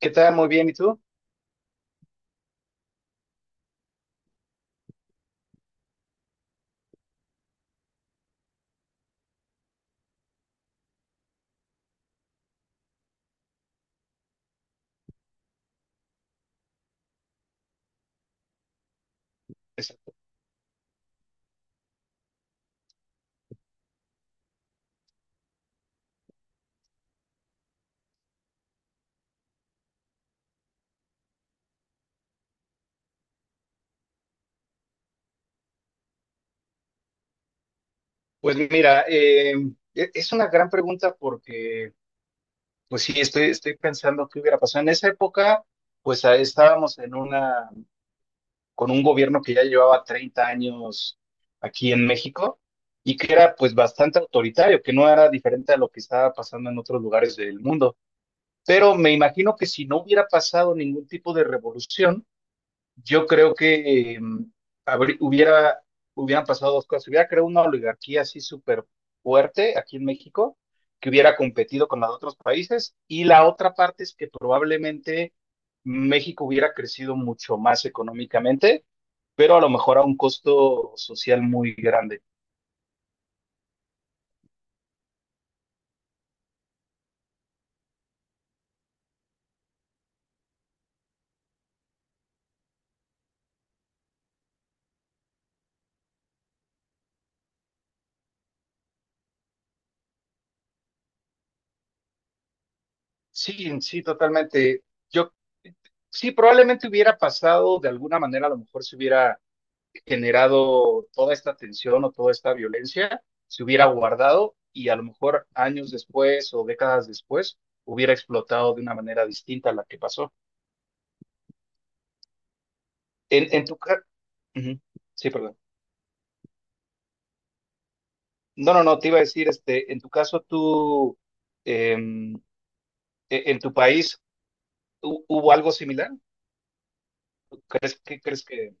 ¿Qué tal? Muy bien, ¿y tú? Pues pues mira, es una gran pregunta porque, pues sí, estoy pensando qué hubiera pasado. En esa época, pues estábamos en una, con un gobierno que ya llevaba 30 años aquí en México y que era pues bastante autoritario, que no era diferente a lo que estaba pasando en otros lugares del mundo. Pero me imagino que si no hubiera pasado ningún tipo de revolución, yo creo que habrí- hubiera, hubieran pasado dos cosas. Hubiera creado una oligarquía así súper fuerte aquí en México, que hubiera competido con la de otros países. Y la otra parte es que probablemente México hubiera crecido mucho más económicamente, pero a lo mejor a un costo social muy grande. Sí, sí, totalmente. Yo sí, probablemente hubiera pasado de alguna manera, a lo mejor se hubiera generado toda esta tensión o toda esta violencia, se hubiera guardado y a lo mejor años después o décadas después hubiera explotado de una manera distinta a la que pasó. En tu caso, sí, perdón. No, no, no, te iba a decir, este, en tu caso, tú, eh, en en tu país, ¿hubo algo similar? ¿Crees que?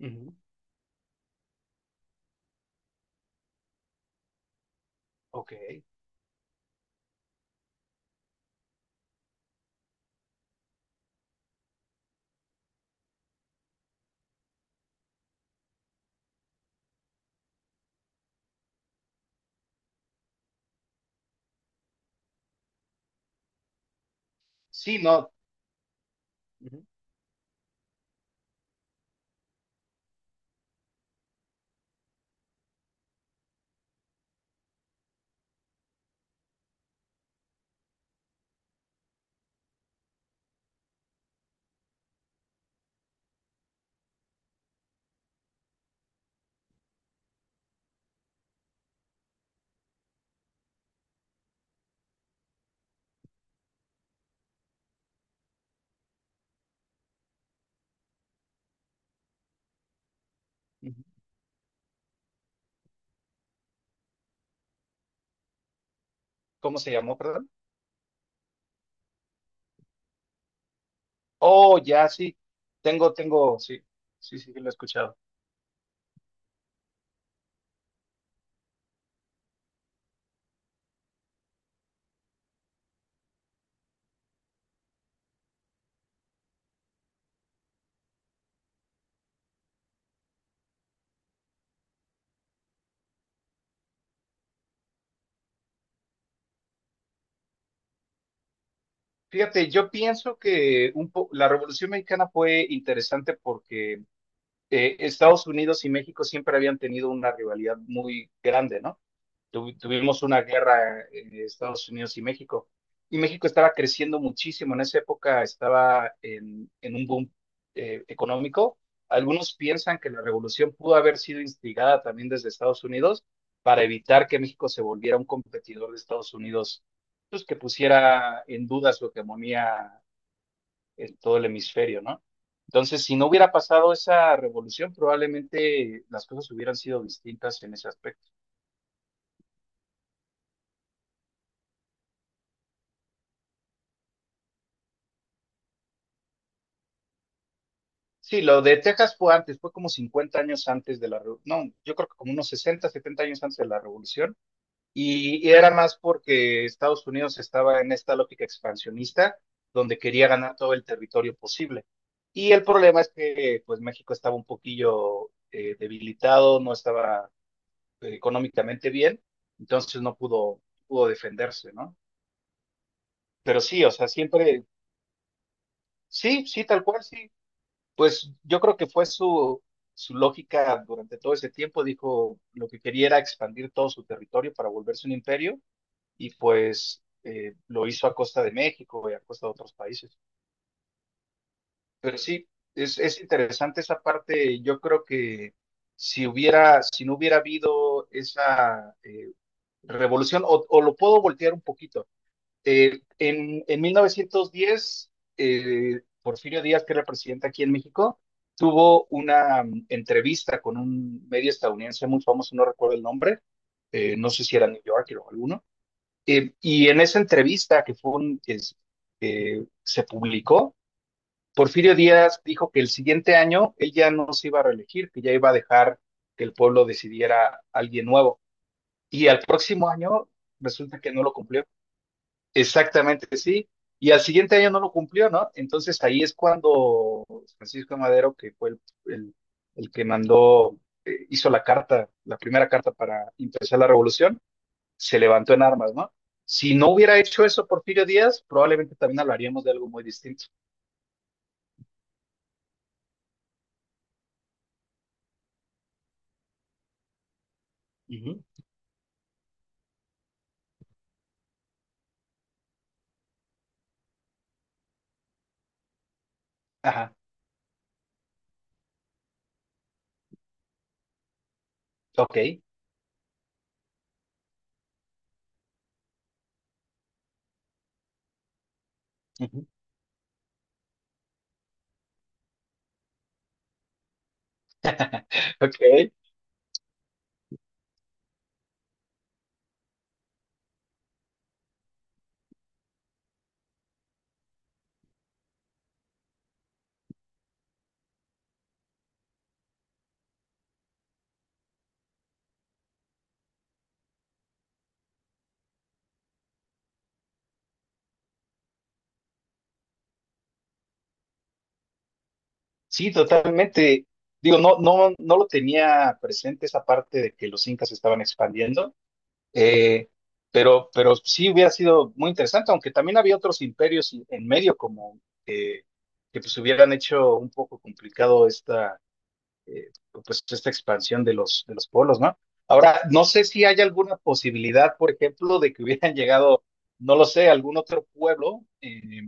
Ujú, ok. Sí, no. Ujú, ujú. ¿Cómo se llamó, perdón? Oh, ya, sí. Tengo, sí, sí, sí, sí, lo he escuchado. Fíjate, yo pienso que la Revolución Mexicana fue interesante porque Estados Unidos y México siempre habían tenido una rivalidad muy grande, ¿no? Tuvimos una guerra en Estados Unidos y México. Y México estaba creciendo muchísimo. En esa época estaba en un boom económico. Algunos piensan que la revolución pudo haber sido instigada también desde Estados Unidos para evitar que México se volviera un competidor de Estados Unidos, pues que pusiera en duda su hegemonía en todo el hemisferio, ¿no? Entonces, si no hubiera pasado esa revolución, probablemente las cosas hubieran sido distintas en ese aspecto. Sí, lo de Texas fue antes, fue como 50 años antes de la revolución, no, yo creo que como unos 60, 70 años antes de la revolución, y era más porque Estados Unidos estaba en esta lógica expansionista donde quería ganar todo el territorio posible. Y el problema es que pues México estaba un poquillo debilitado, no estaba económicamente bien, entonces no pudo defenderse, ¿no? Pero sí, o sea, siempre, sí, sí, tal cual, sí, pues yo creo que fue su lógica durante todo ese tiempo. Dijo lo que quería era expandir todo su territorio para volverse un imperio y pues lo hizo a costa de México y a costa de otros países. Pero sí, es interesante esa parte. Yo creo que si hubiera, si no hubiera habido esa revolución, o lo puedo voltear un poquito, en 1910, Porfirio Díaz, que era presidente aquí en México, tuvo una entrevista con un medio estadounidense muy famoso, no recuerdo el nombre, no sé si era New Yorker o alguno, y en esa entrevista que fue se publicó, Porfirio Díaz dijo que el siguiente año él ya no se iba a reelegir, que ya iba a dejar que el pueblo decidiera a alguien nuevo, y al próximo año resulta que no lo cumplió. Exactamente, sí. Y al siguiente año no lo cumplió, ¿no? Entonces ahí es cuando Francisco de Madero, que fue el- el que mandó, hizo la carta, la primera carta para empezar la revolución, se levantó en armas, ¿no? Si no hubiera hecho eso Porfirio Díaz, probablemente también hablaríamos de algo muy distinto. Ujú, ajá, ok, ujú. Ok. Sí, totalmente. Digo, no, no, no lo tenía presente esa parte de que los incas estaban expandiendo. Eh, pero sí hubiera sido muy interesante, aunque también había otros imperios en medio como eh, que pues hubieran hecho un poco complicado esta eh, pues esta expansión de de los polos, ¿no? Ahora, no sé si hay alguna posibilidad, por ejemplo, de que hubieran llegado, no lo sé, algún otro pueblo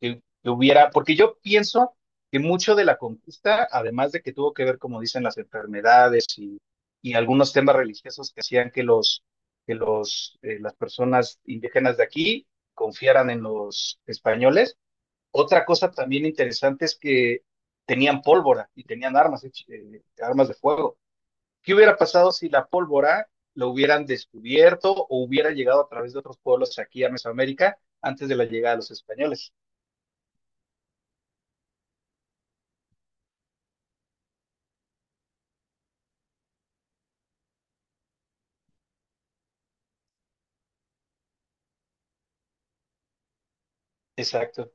que hubiera, porque yo pienso que mucho de la conquista, además de que tuvo que ver, como dicen, las enfermedades y algunos temas religiosos que hacían que los las personas indígenas de aquí confiaran en los españoles, otra cosa también interesante es que tenían pólvora y tenían armas, armas de fuego. ¿Qué hubiera pasado si la pólvora lo hubieran descubierto o hubiera llegado a través de otros pueblos aquí a Mesoamérica antes de la llegada de los españoles? Exacto.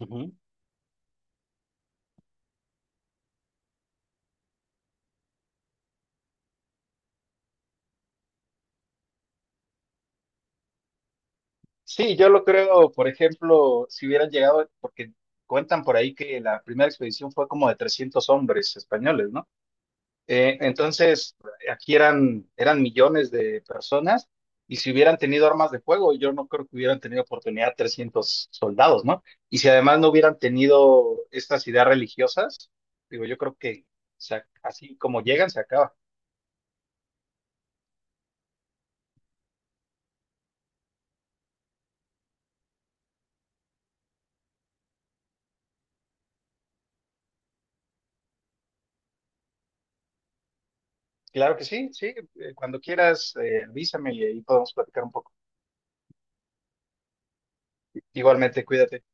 Ujú. Sí, yo lo creo, por ejemplo, si hubieran llegado, porque cuentan por ahí que la primera expedición fue como de 300 hombres españoles, ¿no? Entonces, aquí eran millones de personas y si hubieran tenido armas de fuego, yo no creo que hubieran tenido oportunidad 300 soldados, ¿no? Y si además no hubieran tenido estas ideas religiosas, digo, yo creo que así como llegan, se acaba. Claro que sí, sí, cuando quieras, avísame y ahí podemos platicar un poco. Igualmente, cuídate.